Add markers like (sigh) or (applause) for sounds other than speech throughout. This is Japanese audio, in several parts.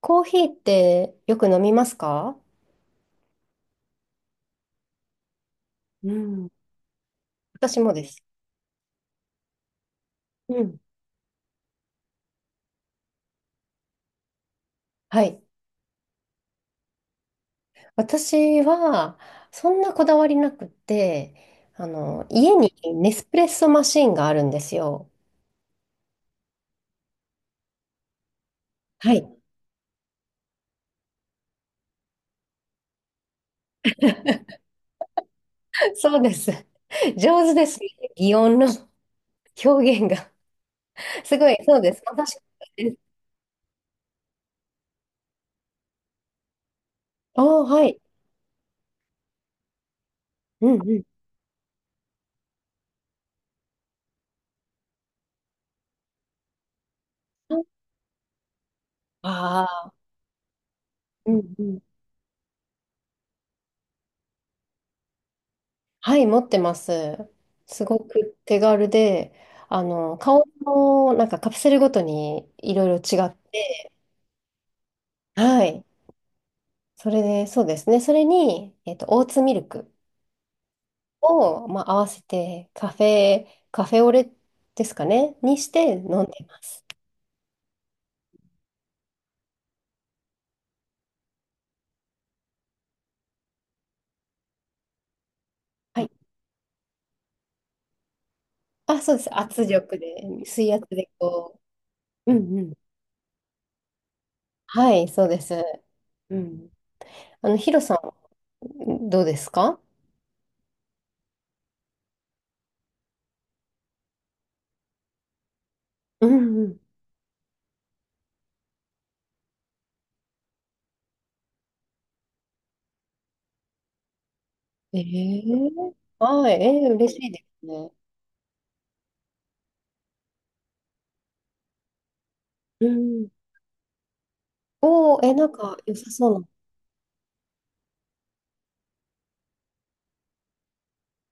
コーヒーってよく飲みますか？うん、私もです。うん、はい。私は、そんなこだわりなくて、家にネスプレッソマシンがあるんですよ。はい。(laughs) そうです。上手ですね。擬音の表現が。(laughs) すごい、そうです。私、ああ、はい。うん、うん、ああ、うん、うん。はい、持ってます。すごく手軽で、顔のなんかカプセルごとにいろいろ違って、はい。それで、そうですね。それに、オーツミルクを、まあ、合わせて、カフェオレですかね、にして飲んでます。はい。あ、そうです。圧力で、水圧でこう。うんうん。はい、そうです。うん。ヒロさん、どうですか？うんうん。ええはい、ええ嬉しいですね。うん。おー、え、なんか良さそうな。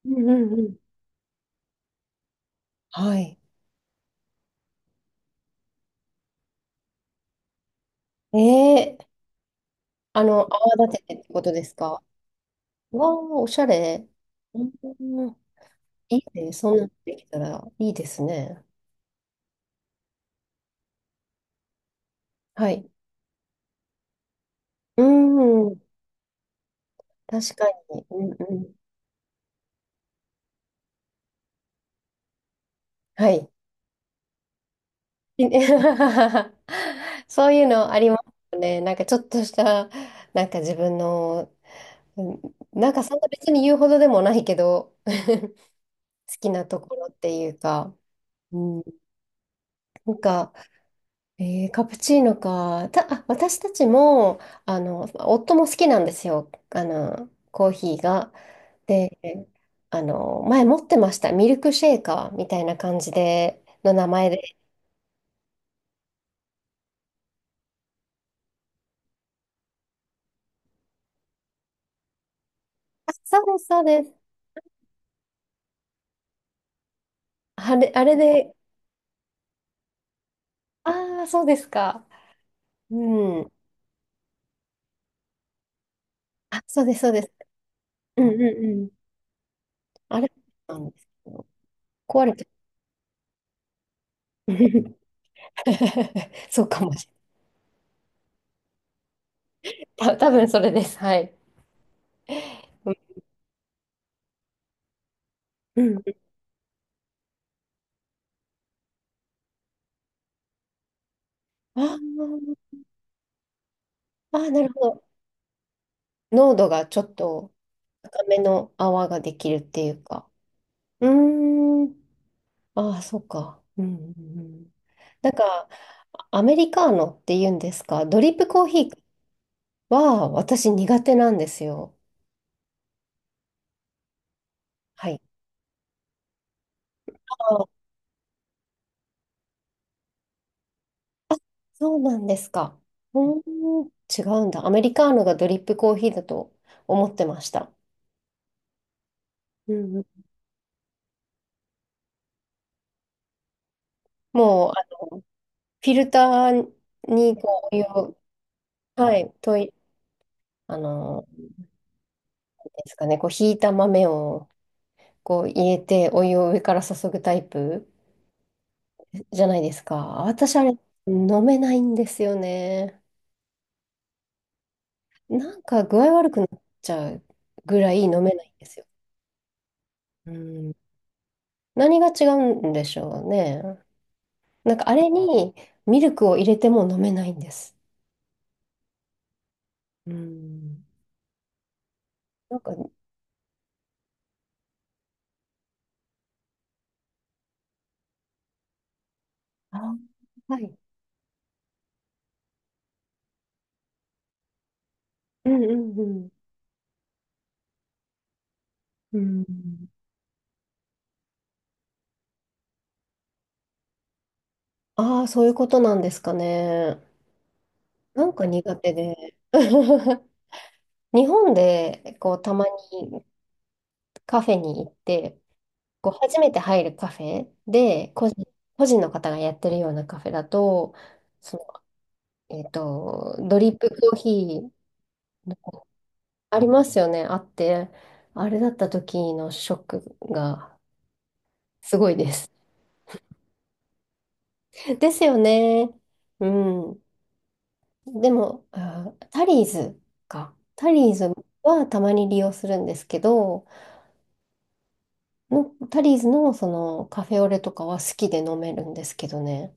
うんうんうん。はい。えー、泡立ててってことですか？わあおしゃれ。うん、いいね。そんなのできたらいいですね。はい。うん、確かに。うんうん。はい。(laughs) そういうのありますね。なんかちょっとした、なんか自分の、うん、なんかそんな別に言うほどでもないけど、(laughs) 好きなところっていうか。うん、なんか、カプチーノか。あ、私たちも、夫も好きなんですよ。コーヒーが。で、前持ってました。ミルクシェイカーみたいな感じで、の名前で。あ、そうです、そうです。あれで、ああ、そうですか。うん。あ、そうです、そうです。うんうんうん。あれなんですけど、壊れて、 (laughs) そうかもしれない。多分それです。はい。うん。うん、あー、あー、なるほど。濃度がちょっと高めの泡ができるっていうか。うーん。ああ、そうか。うん、うんうん。なんか、アメリカーノって言うんですか、ドリップコーヒーは私苦手なんですよ。はい。あ、そうなんですか。うーん、違うんだ。アメリカーノがドリップコーヒーだと思ってました。うん、うん、もう、の、フィルターにこうお湯を、はい、なんですかね、こう、ひいた豆をこう入れてお湯を上から注ぐタイプじゃないですか。私あれ飲めないんですよね。なんか具合悪くなっちゃうぐらい飲めないんですよ。うん。何が違うんでしょうね。なんかあれにミルクを入れても飲めないんです。うん。なんか、あ、はい。うんうんうん。うん、ああ、そういうことなんですかね。なんか苦手で。(laughs) 日本でこうたまにカフェに行って、こう初めて入るカフェで、個人の方がやってるようなカフェだと、その、ドリップコーヒーありますよね、あって、あれだった時のショックがすごいです。(laughs) ですよね。うん。でも、あ、タリーズか。タリーズはたまに利用するんですけど、のタリーズのそのカフェオレとかは好きで飲めるんですけどね。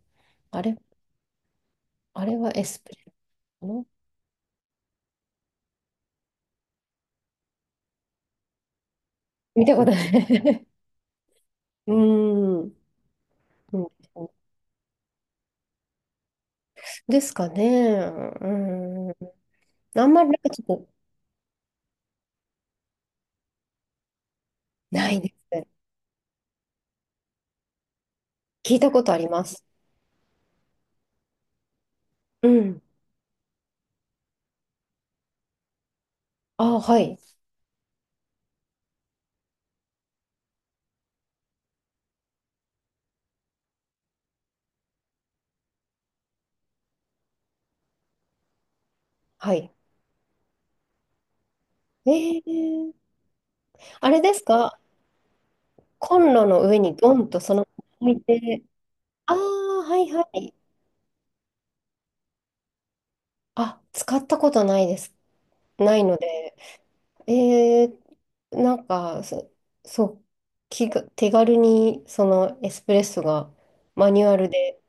あれ、あれはエスプレう見たことない。(laughs) うーん。うんですかね。うん。あんまりなんかちょっとないですね。聞いたことあります。うん。あ、はい。はい。えー、あれですか？コンロの上にドンとそのまま置いて。ああ、はいはい。あ、使ったことないです。ないので。えー、なんか、そう、手軽にそのエスプレッソがマニュアルで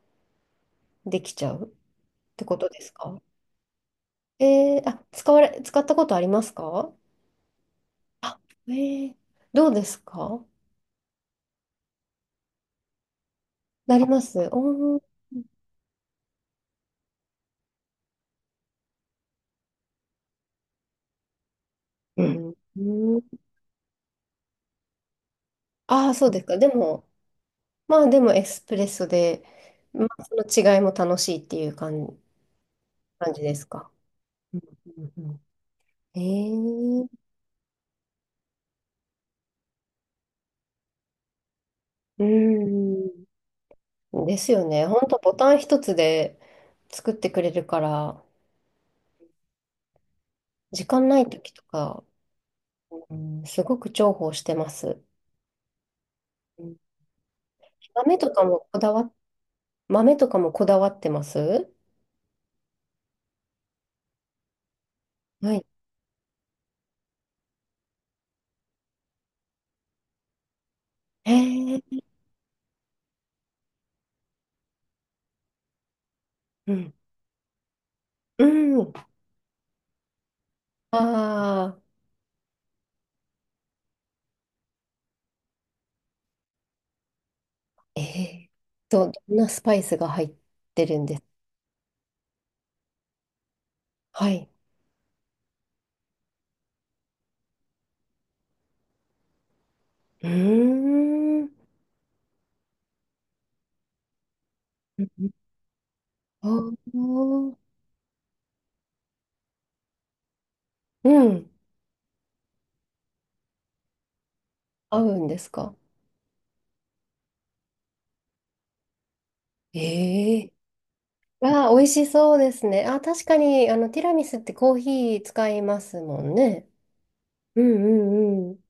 できちゃう。てことですか？あ、使われ、使ったことありますか？あ、えー、どうですか？なりますおー、うん。うん、ああ、そうですか。でも、まあでもエスプレッソで、まあ、その違いも楽しいっていう感じですか。うんうんうん、えー、うん。ですよね。本当ボタン一つで作ってくれるから、時間ない時とか、うん、すごく重宝してます。うん、豆とかもこだわっ豆とかもこだわってますはい。へえ、うん。うん。ああ、ええどんなスパイスが入ってるんです？はい。うーん。うん、あー、うん。合うんですか？ええ、ああ、美味しそうですね。あ、確かに、ティラミスってコーヒー使いますもんね。うんうんうん。